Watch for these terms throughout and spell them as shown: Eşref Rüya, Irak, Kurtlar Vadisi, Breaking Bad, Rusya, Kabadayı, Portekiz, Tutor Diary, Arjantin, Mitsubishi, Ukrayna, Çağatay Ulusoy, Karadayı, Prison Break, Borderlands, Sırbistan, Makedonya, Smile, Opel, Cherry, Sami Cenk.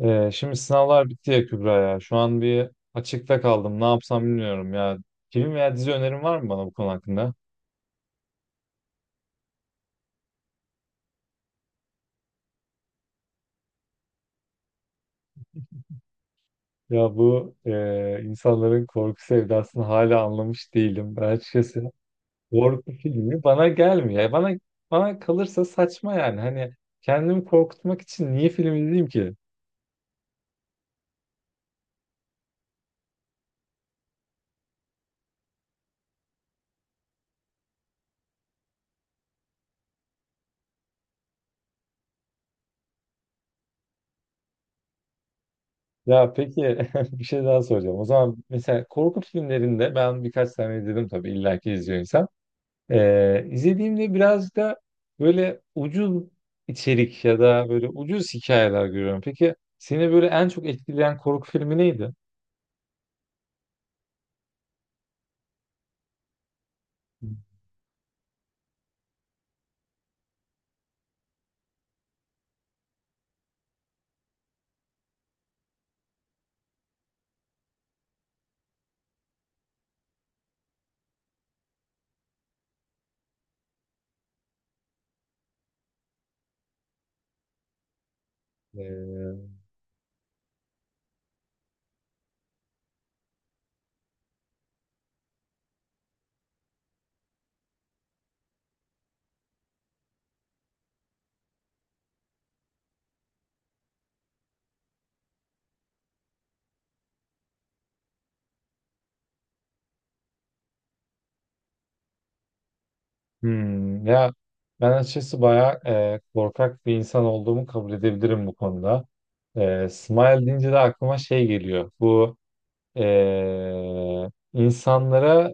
Şimdi sınavlar bitti ya Kübra ya. Şu an bir açıkta kaldım. Ne yapsam bilmiyorum ya. Film veya dizi önerin var mı bana bu konu hakkında? Ya bu insanların korku sevdasını hala anlamış değilim. Ben açıkçası korku filmi bana gelmiyor. Yani bana kalırsa saçma yani. Hani kendimi korkutmak için niye film izleyeyim ki? Ya peki bir şey daha soracağım. O zaman mesela korku filmlerinde ben birkaç tane izledim, tabii illaki izliyor insan. İzlediğimde biraz da böyle ucuz içerik ya da böyle ucuz hikayeler görüyorum. Peki seni böyle en çok etkileyen korku filmi neydi? Ee, ya ben açıkçası bayağı korkak bir insan olduğumu kabul edebilirim bu konuda. Smile deyince de aklıma şey geliyor. Bu insanlara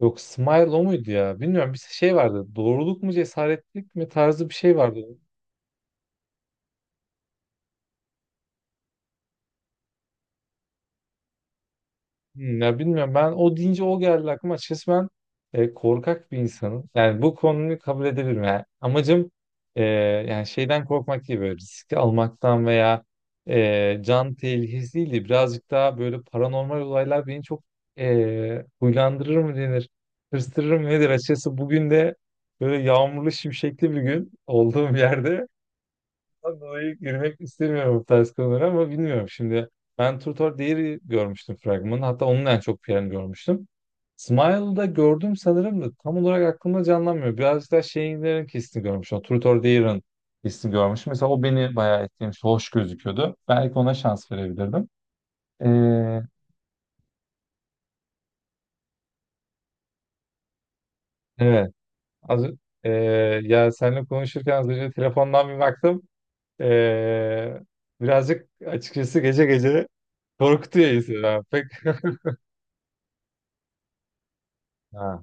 yok, Smile o muydu ya? Bilmiyorum, bir şey vardı. Doğruluk mu cesaretlik mi tarzı bir şey vardı. Hmm, ya bilmiyorum ben o deyince o geldi aklıma. Açıkçası ben korkak bir insanım. Yani bu konuyu kabul edebilirim. Yani amacım e, yani şeyden korkmak değil, böyle riski almaktan veya can tehlikesi değil de birazcık daha böyle paranormal olaylar beni çok huylandırır mı denir, hırstırır mı nedir? Açıkçası bugün de böyle yağmurlu şimşekli bir gün olduğum yerde ondan dolayı girmek istemiyorum bu tarz konulara, ama bilmiyorum şimdi. Ben Turtor Diary görmüştüm fragmanı. Hatta onun en çok piyanı görmüştüm. Smile'da gördüm sanırım da tam olarak aklımda canlanmıyor. Birazcık daha şeylerin hissini görmüşüm. O Tutor Dear'ın hissini görmüşüm. Mesela o beni bayağı etkilemiş. Hoş gözüküyordu. Belki ona şans verebilirdim. Ee, evet. Az, ee, Ya seninle konuşurken az önce telefondan bir baktım. Ee, Birazcık açıkçası gece gece korkutuyor insanı. Ha, pek ha.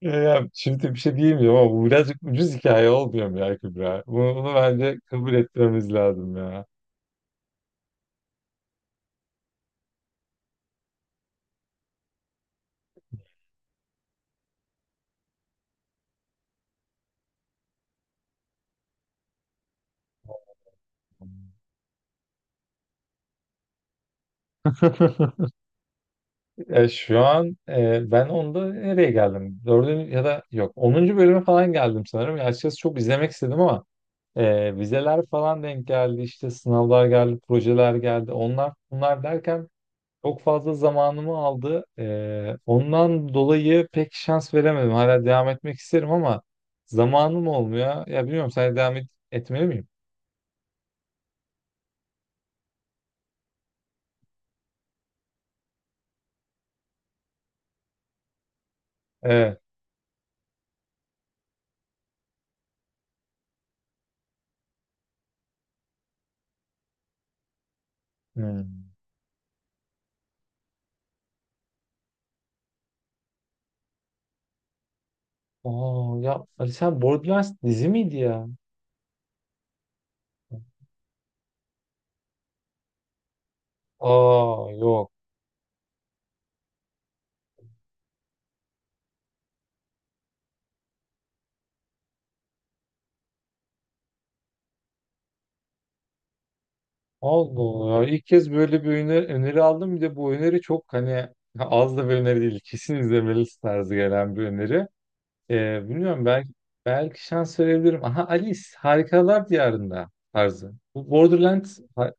Ya şimdi bir şey diyemiyorum ama bu birazcık ucuz hikaye olmuyor mu ya Kübra? Bunu bence kabul etmemiz lazım ya. Şu an ben onda nereye geldim? Dördüncü ya da yok, onuncu bölüme falan geldim sanırım. Ya açıkçası çok izlemek istedim ama vizeler falan denk geldi. İşte sınavlar geldi, projeler geldi. Onlar bunlar derken çok fazla zamanımı aldı. Ondan dolayı pek şans veremedim. Hala devam etmek isterim ama zamanım olmuyor. Ya bilmiyorum, sen devam etmeli miyim? Evet. Hmm. Aa, ya Ali sen Borderlands dizi miydi ya? Aa, yok. Allah Allah. İlk kez böyle bir öneri aldım. Bir de bu öneri çok, hani az da bir öneri değil. Kesin izlemelisin tarzı gelen bir öneri. Bilmiyorum, belki şans verebilirim. Aha, Alice Harikalar Diyarında tarzı. Bu Borderland ha-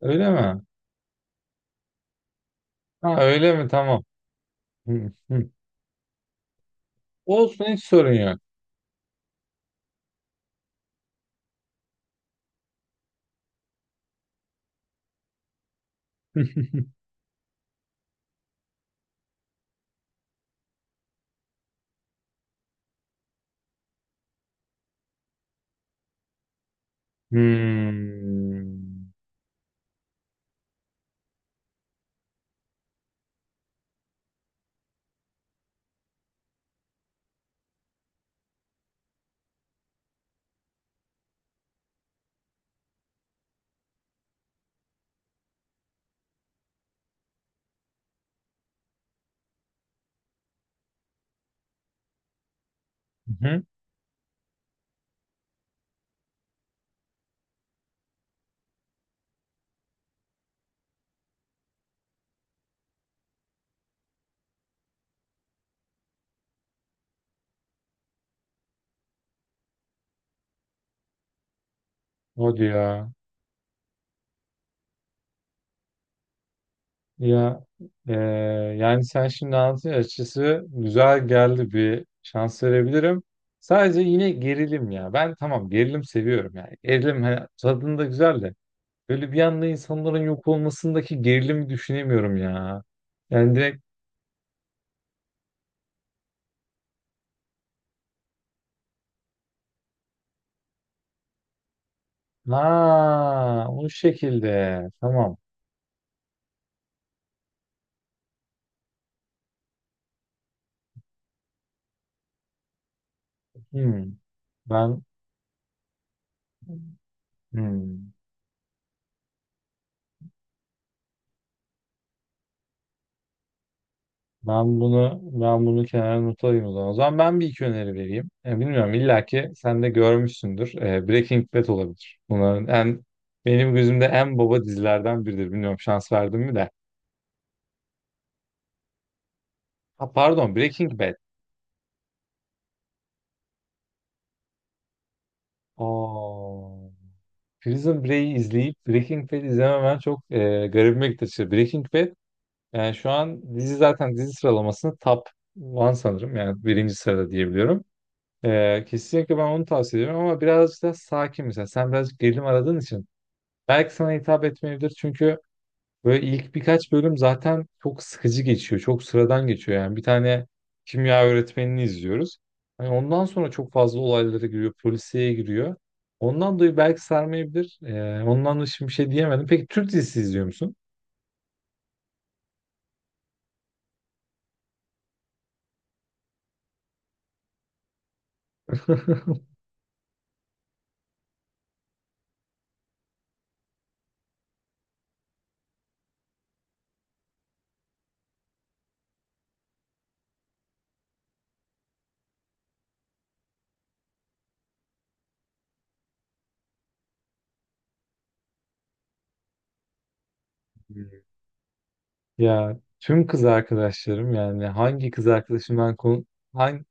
öyle mi? Ha, öyle mi? Tamam. Hı, hı. Olsun, hiç sorun yok. Hmm. Hı. Hadi ya. Ya e, yani sen şimdi anlatınca açıkçası güzel geldi, bir şans verebilirim. Sadece yine gerilim ya. Ben tamam, gerilim seviyorum yani. Gerilim hani, tadında güzel de. Böyle bir anda insanların yok olmasındaki gerilimi düşünemiyorum ya. Yani direkt ha, o şekilde tamam. Hmm, ben hmm, ben bunu kenara not alayım o zaman. O zaman ben bir iki öneri vereyim. E, bilmiyorum, illaki sen de görmüşsündür. E, Breaking Bad olabilir. Bunların en benim gözümde en baba dizilerden biridir. Bilmiyorum şans verdim mi de. Ha, pardon, Breaking Bad. Aa. Prison Break'i izleyip Breaking Bad izlememen çok garibime gitti açıkçası. Breaking Bad yani şu an dizi sıralamasını top one sanırım. Yani birinci sırada diyebiliyorum. E, kesinlikle ben onu tavsiye ediyorum ama birazcık da sakin mesela. Sen birazcık gerilim aradığın için belki sana hitap etmeyebilir, çünkü böyle ilk birkaç bölüm zaten çok sıkıcı geçiyor. Çok sıradan geçiyor yani. Bir tane kimya öğretmenini izliyoruz. Hani ondan sonra çok fazla olaylara giriyor. Polisiye giriyor. Ondan dolayı belki sarmayabilir. Ondan da şimdi bir şey diyemedim. Peki Türk dizisi izliyor musun? Ya tüm kız arkadaşlarım yani hangi kız arkadaşımdan konu hangi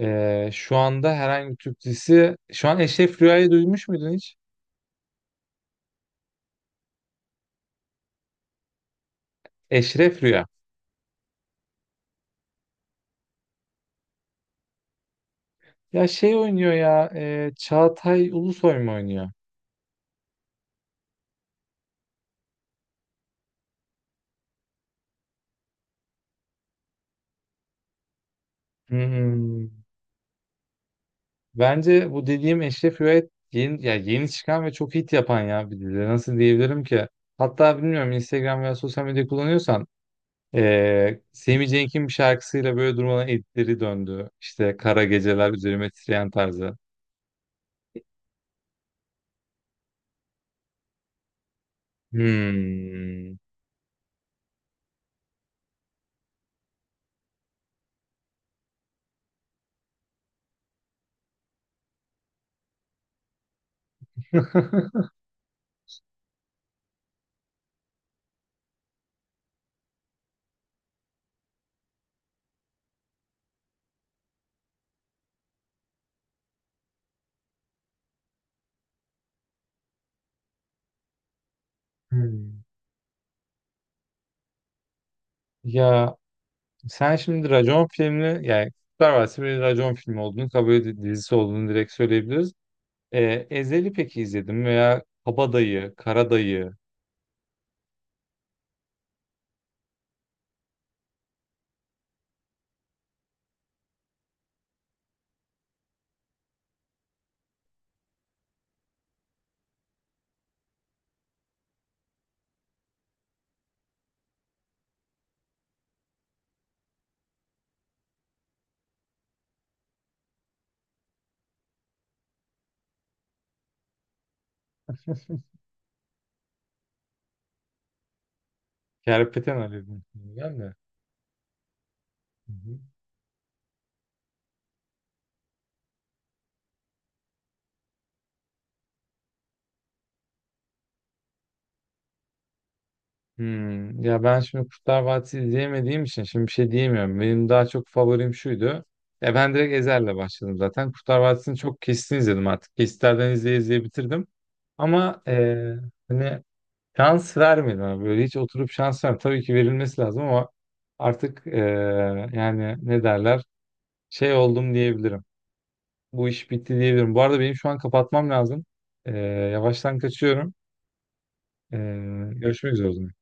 Şu anda herhangi bir Türk dizisi şu an Eşref Rüya'yı duymuş muydun hiç? Eşref Rüya. Ya şey oynuyor ya, Çağatay Ulusoy mu oynuyor? Hmm. Bence bu dediğim Eşref Rüet yeni, ya yeni çıkan ve çok hit yapan ya bir dizi. Nasıl diyebilirim ki? Hatta bilmiyorum Instagram veya sosyal medya kullanıyorsan Sami Cenk'in bir şarkısıyla böyle durmadan editleri döndü. İşte Kara Geceler Üzerime Titreyen tarzı. Hmm. Hmm. Ya sen şimdi racon filmini yani Kurtlar Vadisi bir racon filmi olduğunu kabul dizisi olduğunu direkt söyleyebiliriz. Ezel'i peki izledim veya Kabadayı, Karadayı, Kerpeten Ali ben de. Hı hı. Hmm, ya ben şimdi Kurtlar Vadisi izleyemediğim için şimdi bir şey diyemiyorum. Benim daha çok favorim şuydu. Ya ben direkt Ezhel'le başladım zaten. Kurtlar Vadisi'ni çok kesitini izledim artık. Kesitlerden izleye izleye bitirdim. Ama hani şans vermedim abi. Böyle hiç oturup şans vermedim. Tabii ki verilmesi lazım ama artık yani ne derler şey oldum diyebilirim. Bu iş bitti diyebilirim. Bu arada benim şu an kapatmam lazım. Eee, Yavaştan kaçıyorum. Görüşmek üzere o zaman.